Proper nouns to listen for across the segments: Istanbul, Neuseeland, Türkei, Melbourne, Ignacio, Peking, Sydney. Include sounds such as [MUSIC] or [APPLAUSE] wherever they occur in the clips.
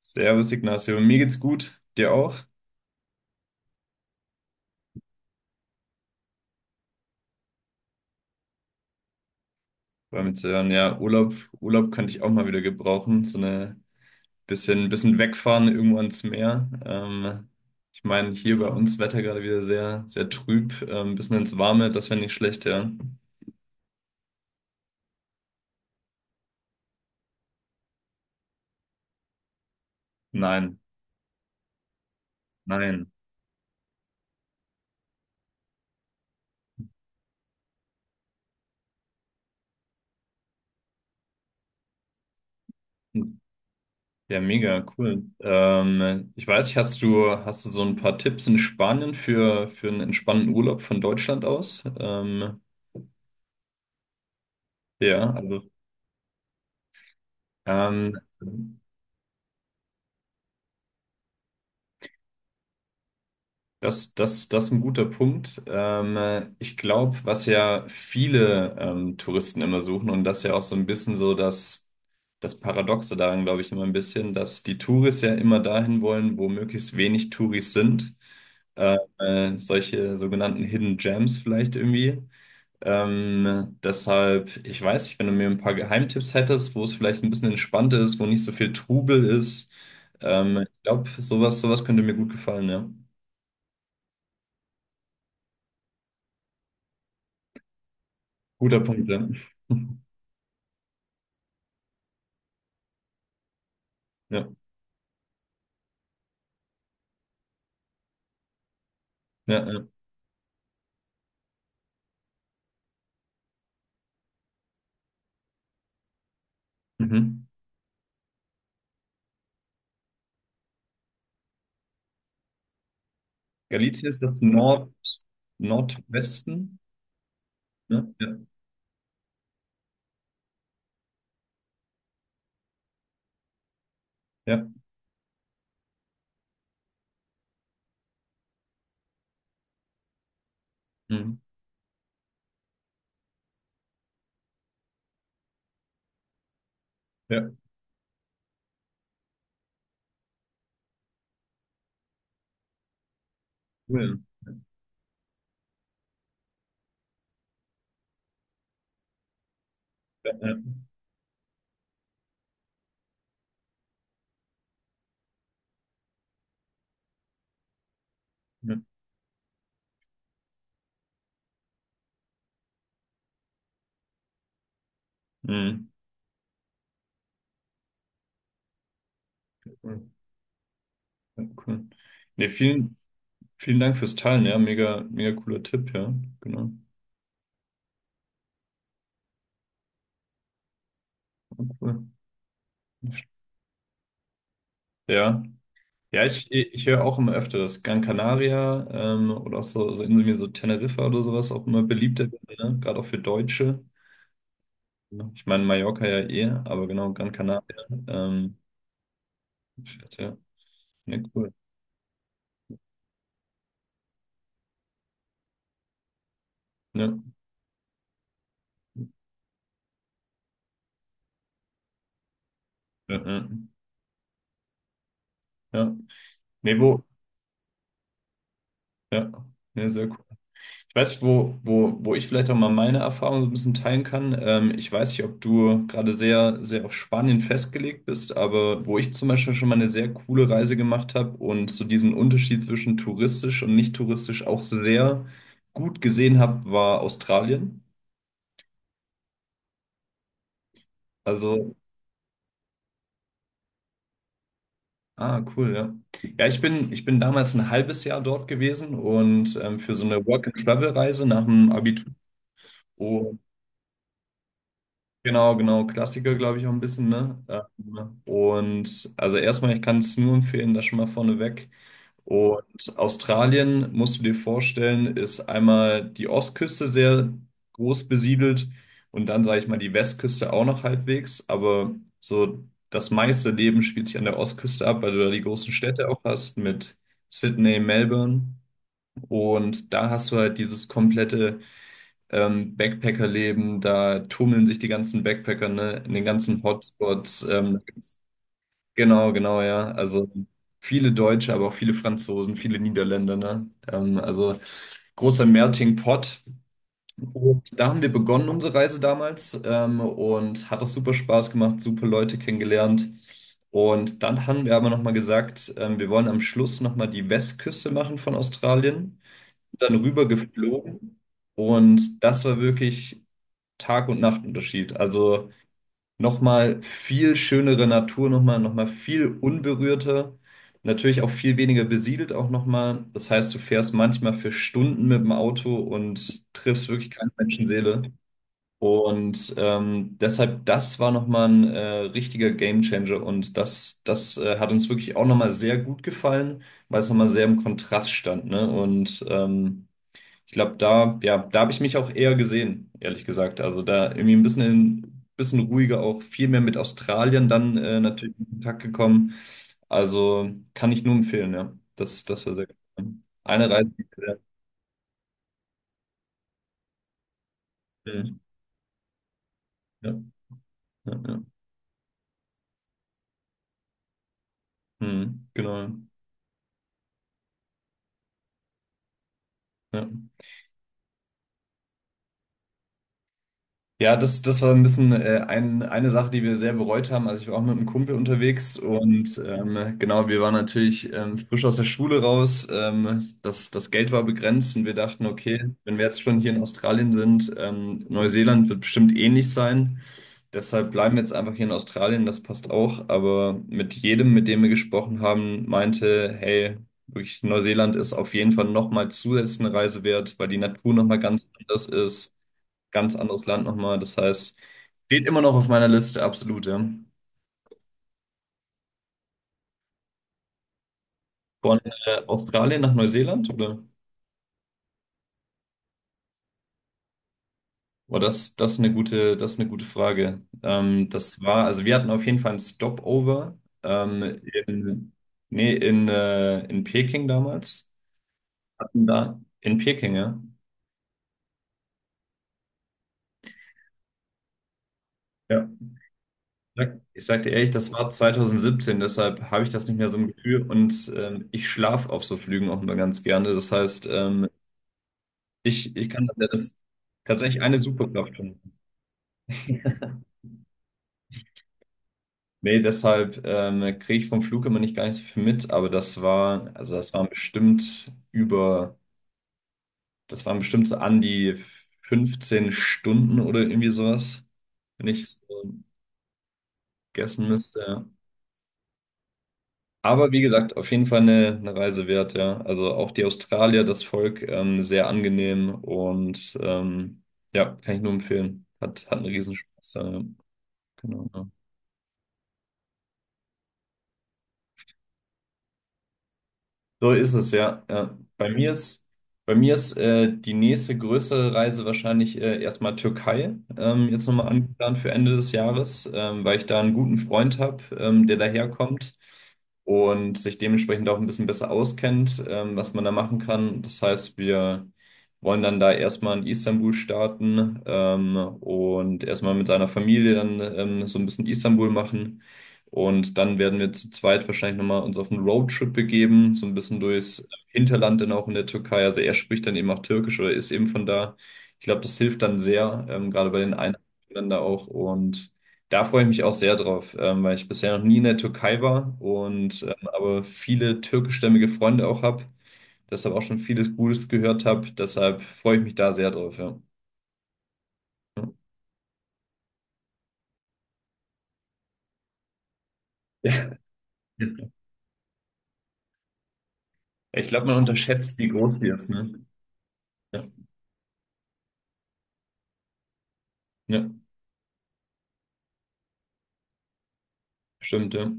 Servus Ignacio, mir geht's gut, dir auch? War mir zu hören, ja, Urlaub, Urlaub könnte ich auch mal wieder gebrauchen, so eine bisschen wegfahren irgendwo ans Meer. Ich meine, hier bei uns Wetter gerade wieder sehr, sehr trüb, bisschen ins Warme, das wäre nicht schlecht, ja. Nein, nein. Ja, mega, cool. Ich weiß nicht, hast du so ein paar Tipps in Spanien für einen entspannten Urlaub von Deutschland aus? Ja, also, ähm, das ist ein guter Punkt. Ich glaube, was ja viele Touristen immer suchen, und das ist ja auch so ein bisschen so das Paradoxe daran, glaube ich, immer ein bisschen, dass die Touris ja immer dahin wollen, wo möglichst wenig Touris sind. Solche sogenannten Hidden Gems vielleicht irgendwie. Deshalb, ich weiß nicht, wenn du mir ein paar Geheimtipps hättest, wo es vielleicht ein bisschen entspannter ist, wo nicht so viel Trubel ist. Ich glaube, sowas könnte mir gut gefallen, ja. Guter Punkt, ja. [LAUGHS] Ja, ja, ja. Mhm. Galicien ist das Nord Nordwesten. Ja, ja, ja. Mhm. Ja, cool. Ja, ja. Ja. Mhm. Cool. Ja, cool. Nee, vielen Dank fürs Teilen, ja. Mega, mega cooler Tipp, ja. Genau. Ja, cool. Ja. Ja, ich höre auch immer öfter, dass Gran Canaria oder auch so Inseln wie so Teneriffa oder sowas auch immer beliebter werden, ne? Gerade auch für Deutsche. Ja. Ich meine, Mallorca ja eh, aber genau, Gran Canaria. Ähm, Shit, ja, ne, cool. Ja, ja, ja. Ja. Nee, wo, ja, ne, sehr cool. Ich weiß nicht, wo ich vielleicht auch mal meine Erfahrung so ein bisschen teilen kann. Ich weiß nicht, ob du gerade sehr, sehr auf Spanien festgelegt bist, aber wo ich zum Beispiel schon mal eine sehr coole Reise gemacht habe und so diesen Unterschied zwischen touristisch und nicht touristisch auch sehr gut gesehen habe, war Australien. Also Ah, cool, ja. Ja, ich bin damals ein halbes Jahr dort gewesen und für so eine Work-and-Travel-Reise nach dem Abitur. Oh, genau, Klassiker, glaube ich, auch ein bisschen, ne? Also erstmal, ich kann es nur empfehlen, das schon mal vorneweg. Und Australien, musst du dir vorstellen, ist einmal die Ostküste sehr groß besiedelt und dann, sage ich mal, die Westküste auch noch halbwegs. Aber so das meiste Leben spielt sich an der Ostküste ab, weil du da die großen Städte auch hast mit Sydney, Melbourne. Und da hast du halt dieses komplette Backpacker-Leben. Da tummeln sich die ganzen Backpacker, ne, in den ganzen Hotspots. Genau, ja. Also viele Deutsche, aber auch viele Franzosen, viele Niederländer, ne? Also großer Melting Pot. Und da haben wir begonnen unsere Reise damals, und hat auch super Spaß gemacht, super Leute kennengelernt. Und dann haben wir aber nochmal gesagt, wir wollen am Schluss nochmal die Westküste machen von Australien, dann rüber geflogen und das war wirklich Tag- und Nachtunterschied. Also nochmal viel schönere Natur, nochmal viel unberührter, natürlich auch viel weniger besiedelt auch nochmal. Das heißt, du fährst manchmal für Stunden mit dem Auto und triffst wirklich keine Menschenseele. Und deshalb, das war nochmal ein richtiger Gamechanger und das hat uns wirklich auch nochmal sehr gut gefallen, weil es nochmal sehr im Kontrast stand, ne? Und ich glaube, da, ja, da habe ich mich auch eher gesehen, ehrlich gesagt. Also da irgendwie ein bisschen, bisschen ruhiger auch viel mehr mit Australien dann natürlich in Kontakt gekommen. Also kann ich nur empfehlen, ja. Das war sehr cool. Eine Reise, die ich Mhm. Ja, ja, ja. Hm, genau, ja. Ja, das war ein bisschen eine Sache, die wir sehr bereut haben. Also ich war auch mit einem Kumpel unterwegs und genau, wir waren natürlich frisch aus der Schule raus. Das Geld war begrenzt und wir dachten, okay, wenn wir jetzt schon hier in Australien sind, Neuseeland wird bestimmt ähnlich sein. Deshalb bleiben wir jetzt einfach hier in Australien, das passt auch. Aber mit jedem, mit dem wir gesprochen haben, meinte, hey, wirklich, Neuseeland ist auf jeden Fall nochmal zusätzlich eine Reise wert, weil die Natur nochmal ganz anders ist. Ganz anderes Land nochmal. Das heißt, steht immer noch auf meiner Liste, absolut, ja. Von Australien nach Neuseeland, oder? Boah, das ist eine gute Frage. Das war, also wir hatten auf jeden Fall ein Stopover ähm, in, in Peking damals. Hatten da in Peking, ja. Ja. Ich sag dir ehrlich, das war 2017, deshalb habe ich das nicht mehr so im Gefühl und ich schlafe auf so Flügen auch immer ganz gerne. Das heißt, ich kann das tatsächlich eine super Klapstunde. Nee, deshalb kriege ich vom Flug immer nicht gar nicht so viel mit, aber das war, also das waren das waren bestimmt so an die 15 Stunden oder irgendwie sowas, wenn ich so guessen müsste. Ja. Aber wie gesagt, auf jeden Fall eine Reise wert, ja. Also auch die Australier, das Volk, sehr angenehm und ja, kann ich nur empfehlen. Hat einen Riesenspaß, ja. Ja. Genau. Ja. So ist es, ja. Ja. Bei mir ist die nächste größere Reise wahrscheinlich erstmal Türkei, jetzt nochmal angeplant für Ende des Jahres, weil ich da einen guten Freund habe, der daherkommt und sich dementsprechend auch ein bisschen besser auskennt, was man da machen kann. Das heißt, wir wollen dann da erstmal in Istanbul starten, und erstmal mit seiner Familie dann so ein bisschen Istanbul machen. Und dann werden wir zu zweit wahrscheinlich nochmal uns auf einen Roadtrip begeben, so ein bisschen durchs Hinterland dann auch in der Türkei. Also er spricht dann eben auch Türkisch oder ist eben von da. Ich glaube, das hilft dann sehr, gerade bei den Einheimischen da auch. Und da freue ich mich auch sehr drauf, weil ich bisher noch nie in der Türkei war und aber viele türkischstämmige Freunde auch habe, deshalb auch schon vieles Gutes gehört habe. Deshalb freue ich mich da sehr drauf, ja. Ja. Ich glaube, man unterschätzt, wie groß die ist, ne? Ja, ja, stimmt, ja.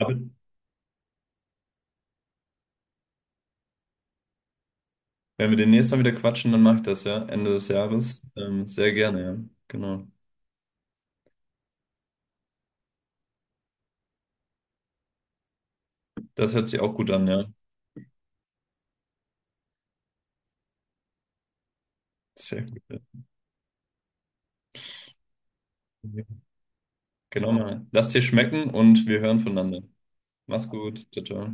Aber Wenn wir demnächst mal wieder quatschen, dann mach ich das, ja. Ende des Jahres. Sehr gerne, ja. Genau. Das hört sich auch gut an, ja. Sehr gut. Ja. Genau mal. Lass dir schmecken und wir hören voneinander. Mach's gut. Ciao, ciao.